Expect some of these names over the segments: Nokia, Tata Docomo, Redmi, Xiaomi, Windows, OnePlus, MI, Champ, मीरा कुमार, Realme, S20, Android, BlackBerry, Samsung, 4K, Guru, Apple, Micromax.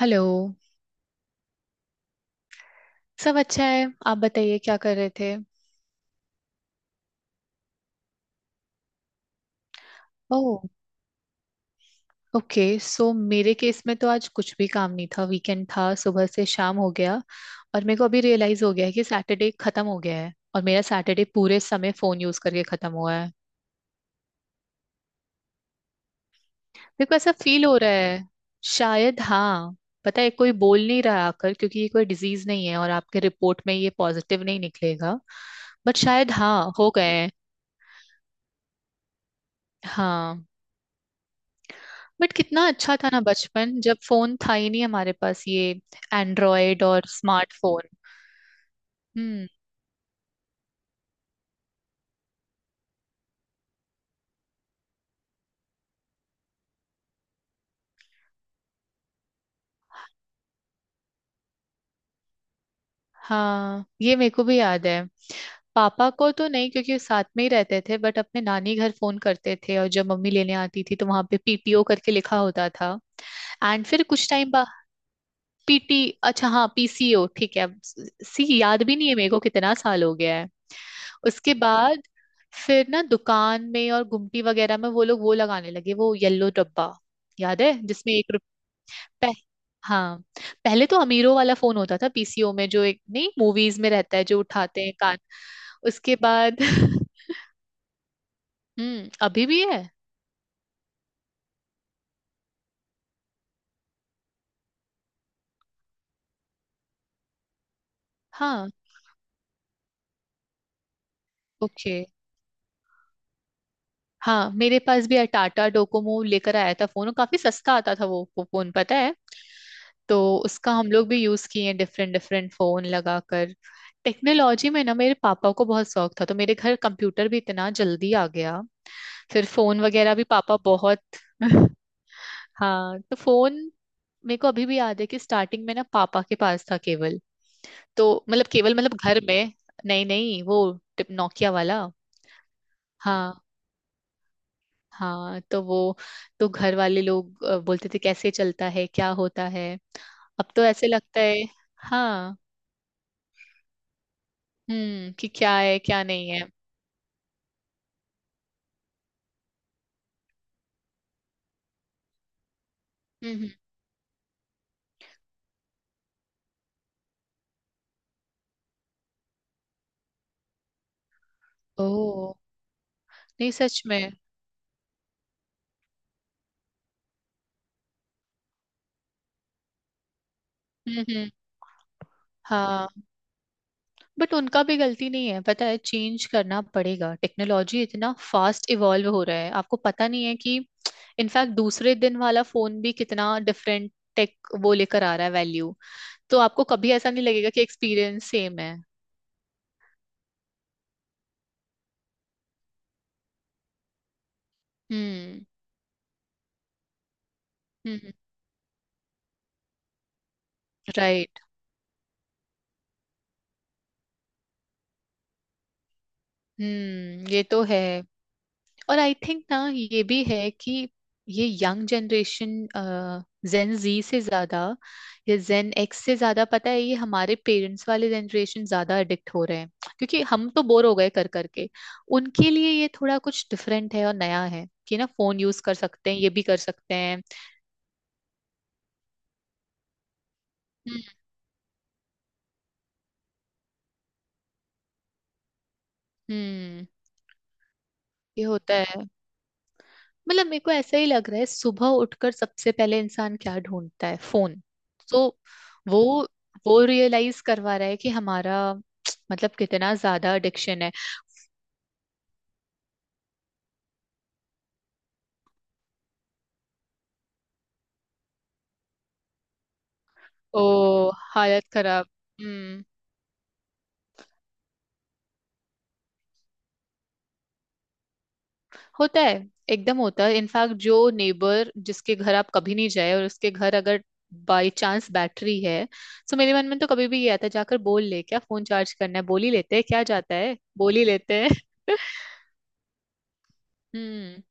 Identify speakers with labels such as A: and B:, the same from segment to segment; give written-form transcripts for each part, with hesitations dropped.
A: Hello. सब अच्छा है, आप बताइए क्या कर रहे थे? ओह। ओके, सो मेरे केस में तो आज कुछ भी काम नहीं था, वीकेंड था, सुबह से शाम हो गया। और मेरे को अभी रियलाइज हो गया है कि सैटरडे खत्म हो गया है और मेरा सैटरडे पूरे समय फोन यूज करके खत्म हुआ है। मेरे को ऐसा फील हो रहा है। शायद हाँ। पता है कोई बोल नहीं रहा आकर क्योंकि ये कोई डिजीज नहीं है और आपके रिपोर्ट में ये पॉजिटिव नहीं निकलेगा। बट शायद हाँ हो गए हैं। हाँ। बट कितना अच्छा था ना बचपन जब फोन था ही नहीं हमारे पास, ये एंड्रॉयड और स्मार्टफोन। हम्म। हाँ ये मेरे को भी याद है। पापा को तो नहीं क्योंकि वो साथ में ही रहते थे, बट अपने नानी घर फोन करते थे और जब मम्मी लेने आती थी तो वहां पे PPO करके लिखा होता था। एंड फिर कुछ टाइम बाद, PT। अच्छा हाँ, PCO ठीक है, अब सी याद भी नहीं है मेरे को, कितना साल हो गया। उसके बाद फिर ना दुकान में और गुमटी वगैरह में वो लोग वो लगाने लगे, वो येलो डब्बा। याद है जिसमें एक रुपए। हाँ। पहले तो अमीरों वाला फोन होता था PCO में, जो एक नहीं मूवीज में रहता है जो उठाते हैं कान। उसके बाद हम्म, अभी भी है। हाँ। ओके। हाँ मेरे पास भी है, टाटा डोकोमो लेकर आया था फोन और काफी सस्ता आता था वो फोन पता है। तो उसका हम लोग भी यूज किए हैं डिफरेंट डिफरेंट फोन लगाकर। टेक्नोलॉजी में ना मेरे पापा को बहुत शौक था तो मेरे घर कंप्यूटर भी इतना जल्दी आ गया। फिर फोन वगैरह भी पापा बहुत। हाँ तो फोन, मेरे को अभी भी याद है कि स्टार्टिंग में ना पापा के पास था केवल, तो मतलब केवल मतलब घर में। नहीं नहीं वो, नोकिया वाला। हाँ हाँ। तो वो, तो घर वाले लोग बोलते थे कैसे चलता है क्या होता है। अब तो ऐसे लगता है। हाँ। हम्म, कि क्या है क्या नहीं है। हम्म। ओह। नहीं सच में। हम्म। हाँ बट उनका भी गलती नहीं है, पता है चेंज करना पड़ेगा, टेक्नोलॉजी इतना फास्ट इवॉल्व हो रहा है, आपको पता नहीं है कि। इनफैक्ट दूसरे दिन वाला फोन भी कितना डिफरेंट टेक वो लेकर आ रहा है, वैल्यू। तो आपको कभी ऐसा नहीं लगेगा कि एक्सपीरियंस सेम है। हम्म हम्म हम्म। राइट। हम्म, ये तो है। और आई थिंक ना ये भी है कि ये यंग जनरेशन, Gen Z से ज्यादा, या Gen X से ज्यादा, पता है ये हमारे पेरेंट्स वाले जनरेशन ज्यादा एडिक्ट हो रहे हैं। क्योंकि हम तो बोर हो गए कर करके। उनके लिए ये थोड़ा कुछ डिफरेंट है और नया है कि ना फोन यूज कर सकते हैं, ये भी कर सकते हैं। हम्म हम्म। ये होता है। मतलब मेरे को ऐसा ही लग रहा है, सुबह उठकर सबसे पहले इंसान क्या ढूंढता है? फोन। तो वो वो रियलाइज करवा रहा है कि हमारा, मतलब कितना ज्यादा एडिक्शन है। ओ, हालत खराब। हम्म। होता है, एकदम होता है। इनफैक्ट जो नेबर जिसके घर आप कभी नहीं जाए, और उसके घर अगर बाई चांस बैटरी है, सो मेरे मन में तो कभी भी ये आता है जाकर बोल ले क्या फोन चार्ज करना है, बोल ही लेते हैं, क्या जाता है, बोल ही लेते हैं। हम्म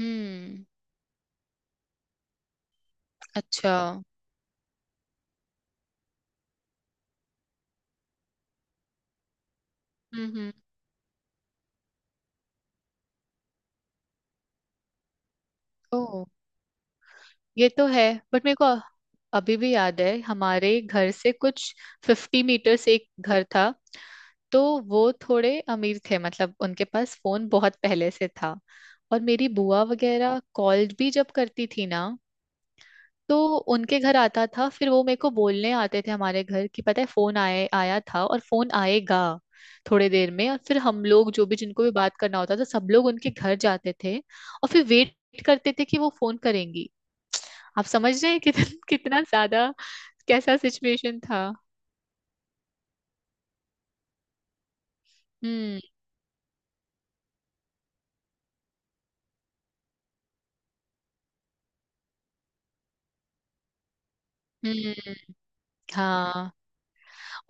A: हम्म। अच्छा हम्म। ओ, ये तो है। बट मेरे को अभी भी याद है, हमारे घर से कुछ 50 मीटर्स एक घर था, तो वो थोड़े अमीर थे मतलब उनके पास फोन बहुत पहले से था। और मेरी बुआ वगैरह कॉल भी जब करती थी ना, तो उनके घर आता था, फिर वो मेरे को बोलने आते थे हमारे घर कि पता है फोन आए आया था, और फोन आएगा थोड़े देर में, और फिर हम लोग जो भी जिनको भी बात करना होता था सब लोग उनके घर जाते थे और फिर वेट करते थे कि वो फोन करेंगी। आप समझ रहे हैं कितना कितना ज्यादा, कैसा सिचुएशन था। हम्म हम्म। हाँ,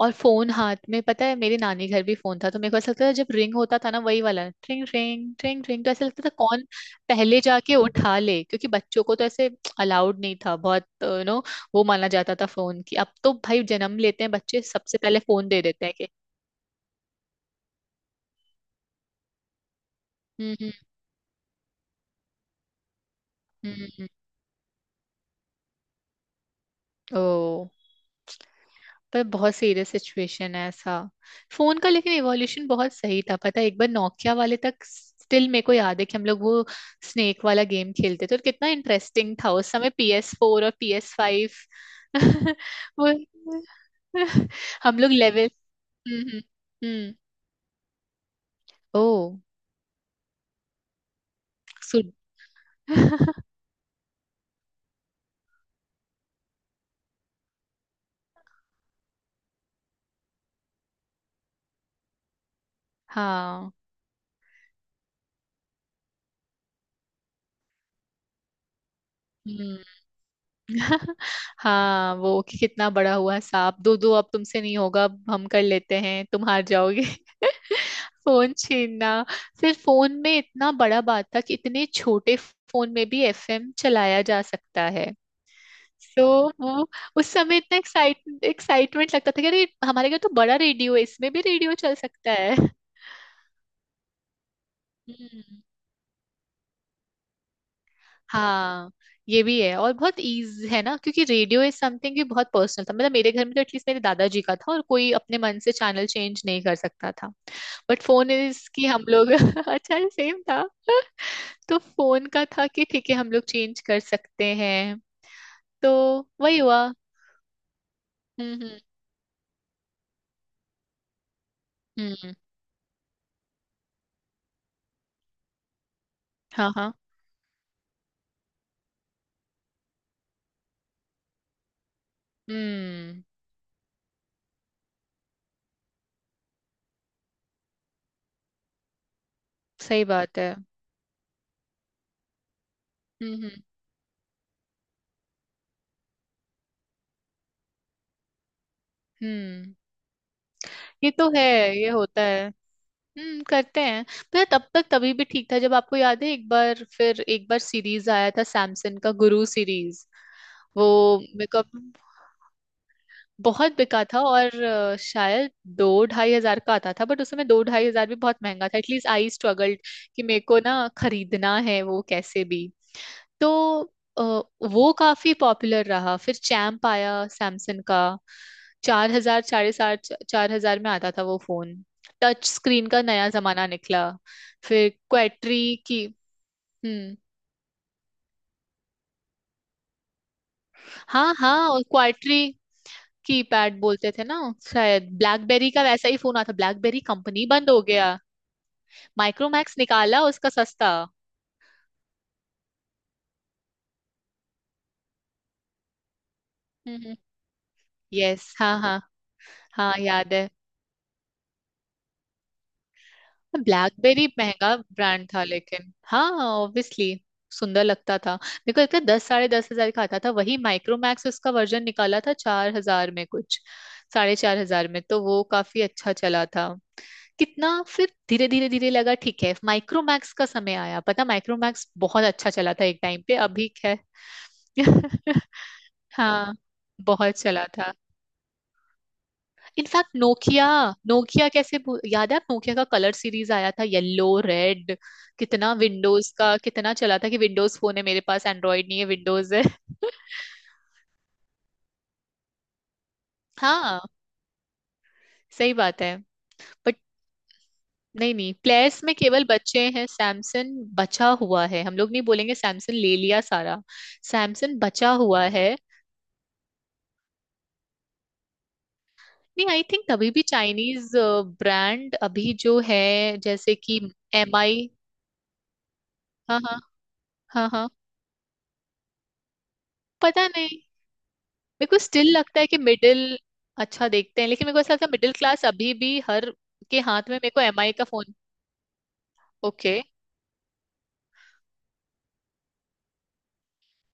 A: और फोन हाथ में, पता है मेरे नानी घर भी फोन था तो मेरे को ऐसा लगता था जब रिंग होता था ना, वही वाला ट्रिंग ट्रिंग ट्रिंग ट्रिंग, तो ऐसा लगता था कौन पहले जाके उठा ले, क्योंकि बच्चों को तो ऐसे अलाउड नहीं था बहुत, वो माना जाता था फोन की। अब तो भाई जन्म लेते हैं बच्चे, सबसे पहले फोन दे देते हैं कि। हम्म हम्म हम्म हम्म। ओ। पर बहुत सीरियस सिचुएशन है ऐसा फोन का, लेकिन इवोल्यूशन बहुत सही था पता है। एक बार नोकिया वाले तक स्टिल मेरे को याद है कि हम लोग वो स्नेक वाला गेम खेलते थे, और कितना इंटरेस्टिंग था उस समय। PS4 और PS5। वो, हम लोग लेवल। हम्म हम्म हम्म, ओ। सुन, हाँ। हम्म। हाँ, वो कि कितना बड़ा हुआ सांप, दो दो अब तुमसे नहीं होगा, अब हम कर लेते हैं, तुम हार जाओगे, फोन छीनना। फिर फोन में इतना बड़ा बात था कि इतने छोटे फोन में भी FM चलाया जा सकता है। तो वो, उस समय इतना एक्साइट, एक्साइटमेंट लगता था कि अरे हमारे घर तो बड़ा रेडियो है, इसमें भी रेडियो चल सकता है। हम्म। हाँ ये भी है, और बहुत ईज है ना, क्योंकि रेडियो इज समथिंग भी बहुत पर्सनल था, मतलब मेरे घर में तो एटलीस्ट मेरे दादाजी का था, और कोई अपने मन से चैनल चेंज नहीं कर सकता था। बट फोन इज कि हम लोग अच्छा सेम था। तो फोन का था कि ठीक है हम लोग चेंज कर सकते हैं। तो वही हुआ। हम्म हम्म। हाँ हाँ। हम्म। सही बात है। हम्म हम्म हम्म। ये तो है, ये होता है। हम्म, करते हैं। पर तब तक तभी भी ठीक था, जब आपको याद है एक बार फिर एक बार सीरीज आया था सैमसंग का, गुरु सीरीज, वो मेरे को। बहुत बिका था, और शायद 2-2.5 हजार का आता था, बट उस समय 2-2.5 हजार भी बहुत महंगा था, एटलीस्ट आई स्ट्रगल्ड कि मेरे को ना खरीदना है वो कैसे भी। तो अ, वो काफी पॉपुलर रहा। फिर चैम्प आया सैमसंग का, 4 हजार 7.5, 4 हजार में आता था वो फोन, टच स्क्रीन का नया जमाना निकला। फिर क्वाट्री की। हम्म, हाँ हाँ, और क्वाट्री कीपैड बोलते थे ना, शायद ब्लैकबेरी का वैसा ही फोन आता, ब्लैकबेरी कंपनी बंद हो गया। माइक्रोमैक्स निकाला उसका सस्ता। हम्म। यस हाँ हाँ। हाँ याद है। ब्लैकबेरी महंगा ब्रांड था, लेकिन हाँ ऑब्वियसली सुंदर लगता था। मेरे को लगता है 10-10.5 हजार का आता था, वही माइक्रोमैक्स उसका वर्जन निकाला था 4 हजार में कुछ, 4.5 हजार में, तो वो काफी अच्छा चला था। कितना फिर धीरे धीरे धीरे लगा ठीक है माइक्रोमैक्स का समय आया, पता, माइक्रोमैक्स बहुत अच्छा चला था एक टाइम पे, अभी खैर हाँ, बहुत चला था। इनफैक्ट नोकिया, नोकिया कैसे याद है आप, नोकिया का कलर सीरीज आया था येलो रेड, कितना विंडोज का कितना चला था कि विंडोज फोन है मेरे पास, एंड्रॉयड नहीं है विंडोज है। हाँ, सही बात है। बट नहीं नहीं, प्लेयर्स में केवल बच्चे हैं, सैमसंग बचा हुआ है हम लोग, नहीं बोलेंगे सैमसंग ले लिया सारा। सैमसंग बचा हुआ है नहीं, आई थिंक तभी भी चाइनीज ब्रांड, अभी जो है जैसे कि Mi। हाँ हाँ हाँ हाँ। पता नहीं, मेरे को स्टिल लगता है कि मिडिल, अच्छा देखते हैं। लेकिन मेरे को ऐसा लगता है मिडिल क्लास अभी भी हर के हाथ में मेरे को Mi का फोन। ओके।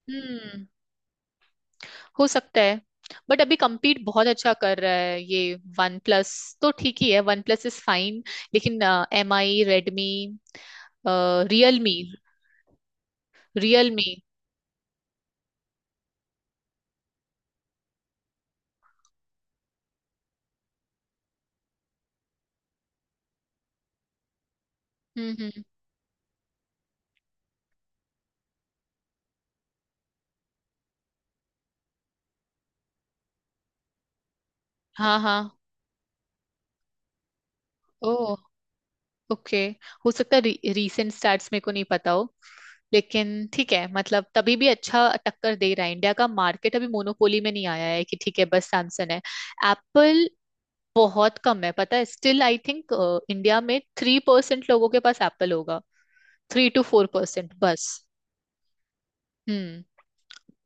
A: हम्म, हो सकता है, बट अभी compete बहुत अच्छा कर रहा है ये वन प्लस, तो ठीक ही है, वन प्लस इज फाइन। लेकिन Mi रेडमी, रियलमी, रियलमी। हम्म। हाँ हाँ। Oh okay. हो सकता है रीसेंट स्टार्ट्स मेरे को नहीं पता हो, लेकिन ठीक है मतलब तभी भी अच्छा टक्कर दे रहा है इंडिया का मार्केट, अभी मोनोपोली में नहीं आया है कि ठीक है बस सैमसंग है, एप्पल। बहुत कम है पता है, स्टिल आई थिंक इंडिया में 3% लोगों के पास एप्पल होगा, 3-4% बस। हम्म,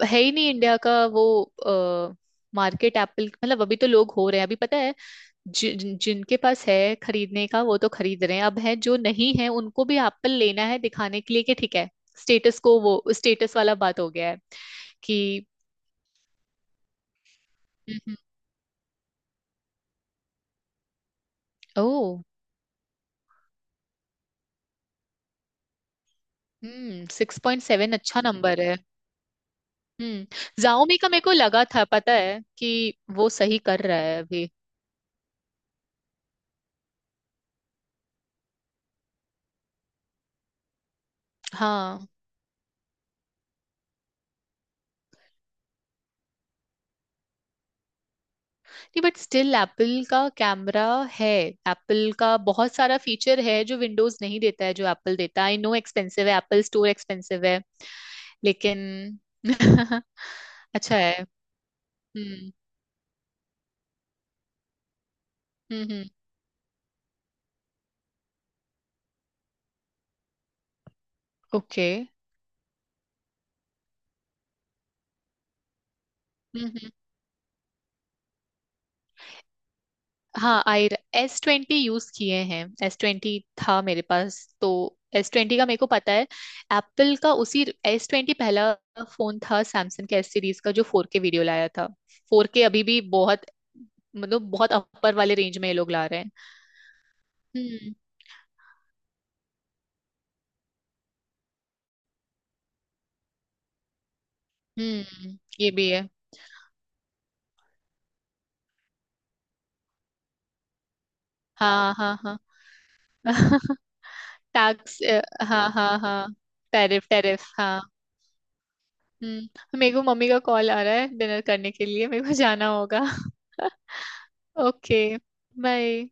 A: है ही नहीं इंडिया का वो मार्केट एप्पल, मतलब अभी तो लोग हो रहे हैं अभी पता है, जिन जिनके पास है खरीदने का वो तो खरीद रहे हैं, अब है जो नहीं है उनको भी एप्पल लेना है दिखाने के लिए कि ठीक है। स्टेटस को, वो स्टेटस वाला बात हो गया है कि। हम्म। ओ। हम्म, 6.7 अच्छा नंबर है। हम्म, जाओमी का मेरे को लगा था पता है कि वो सही कर रहा है अभी। हाँ, नहीं बट स्टिल एप्पल का कैमरा है। एप्पल का बहुत सारा फीचर है जो विंडोज नहीं देता है जो एप्पल देता है, आई नो एक्सपेंसिव है, एप्पल स्टोर एक्सपेंसिव है लेकिन अच्छा है। हम्म हम्म। ओके। हम्म। हाँ आई, S20 यूज किए हैं, S20 था मेरे पास तो, S20 का मेरे को पता है। एप्पल का उसी, S20 पहला फोन था सैमसंग के एस सीरीज का जो 4K वीडियो लाया था, 4K अभी भी बहुत, मतलब बहुत अपर वाले रेंज में ये लोग ला रहे हैं। हम्म हम्म, ये भी है। हाँ हाँ हाँ। टैक्स, हाँ हाँ हाँ। टैरिफ टैरिफ हाँ। हम्म, मेरे को मम्मी का कॉल आ रहा है डिनर करने के लिए, मेरे को जाना होगा। ओके। बाय।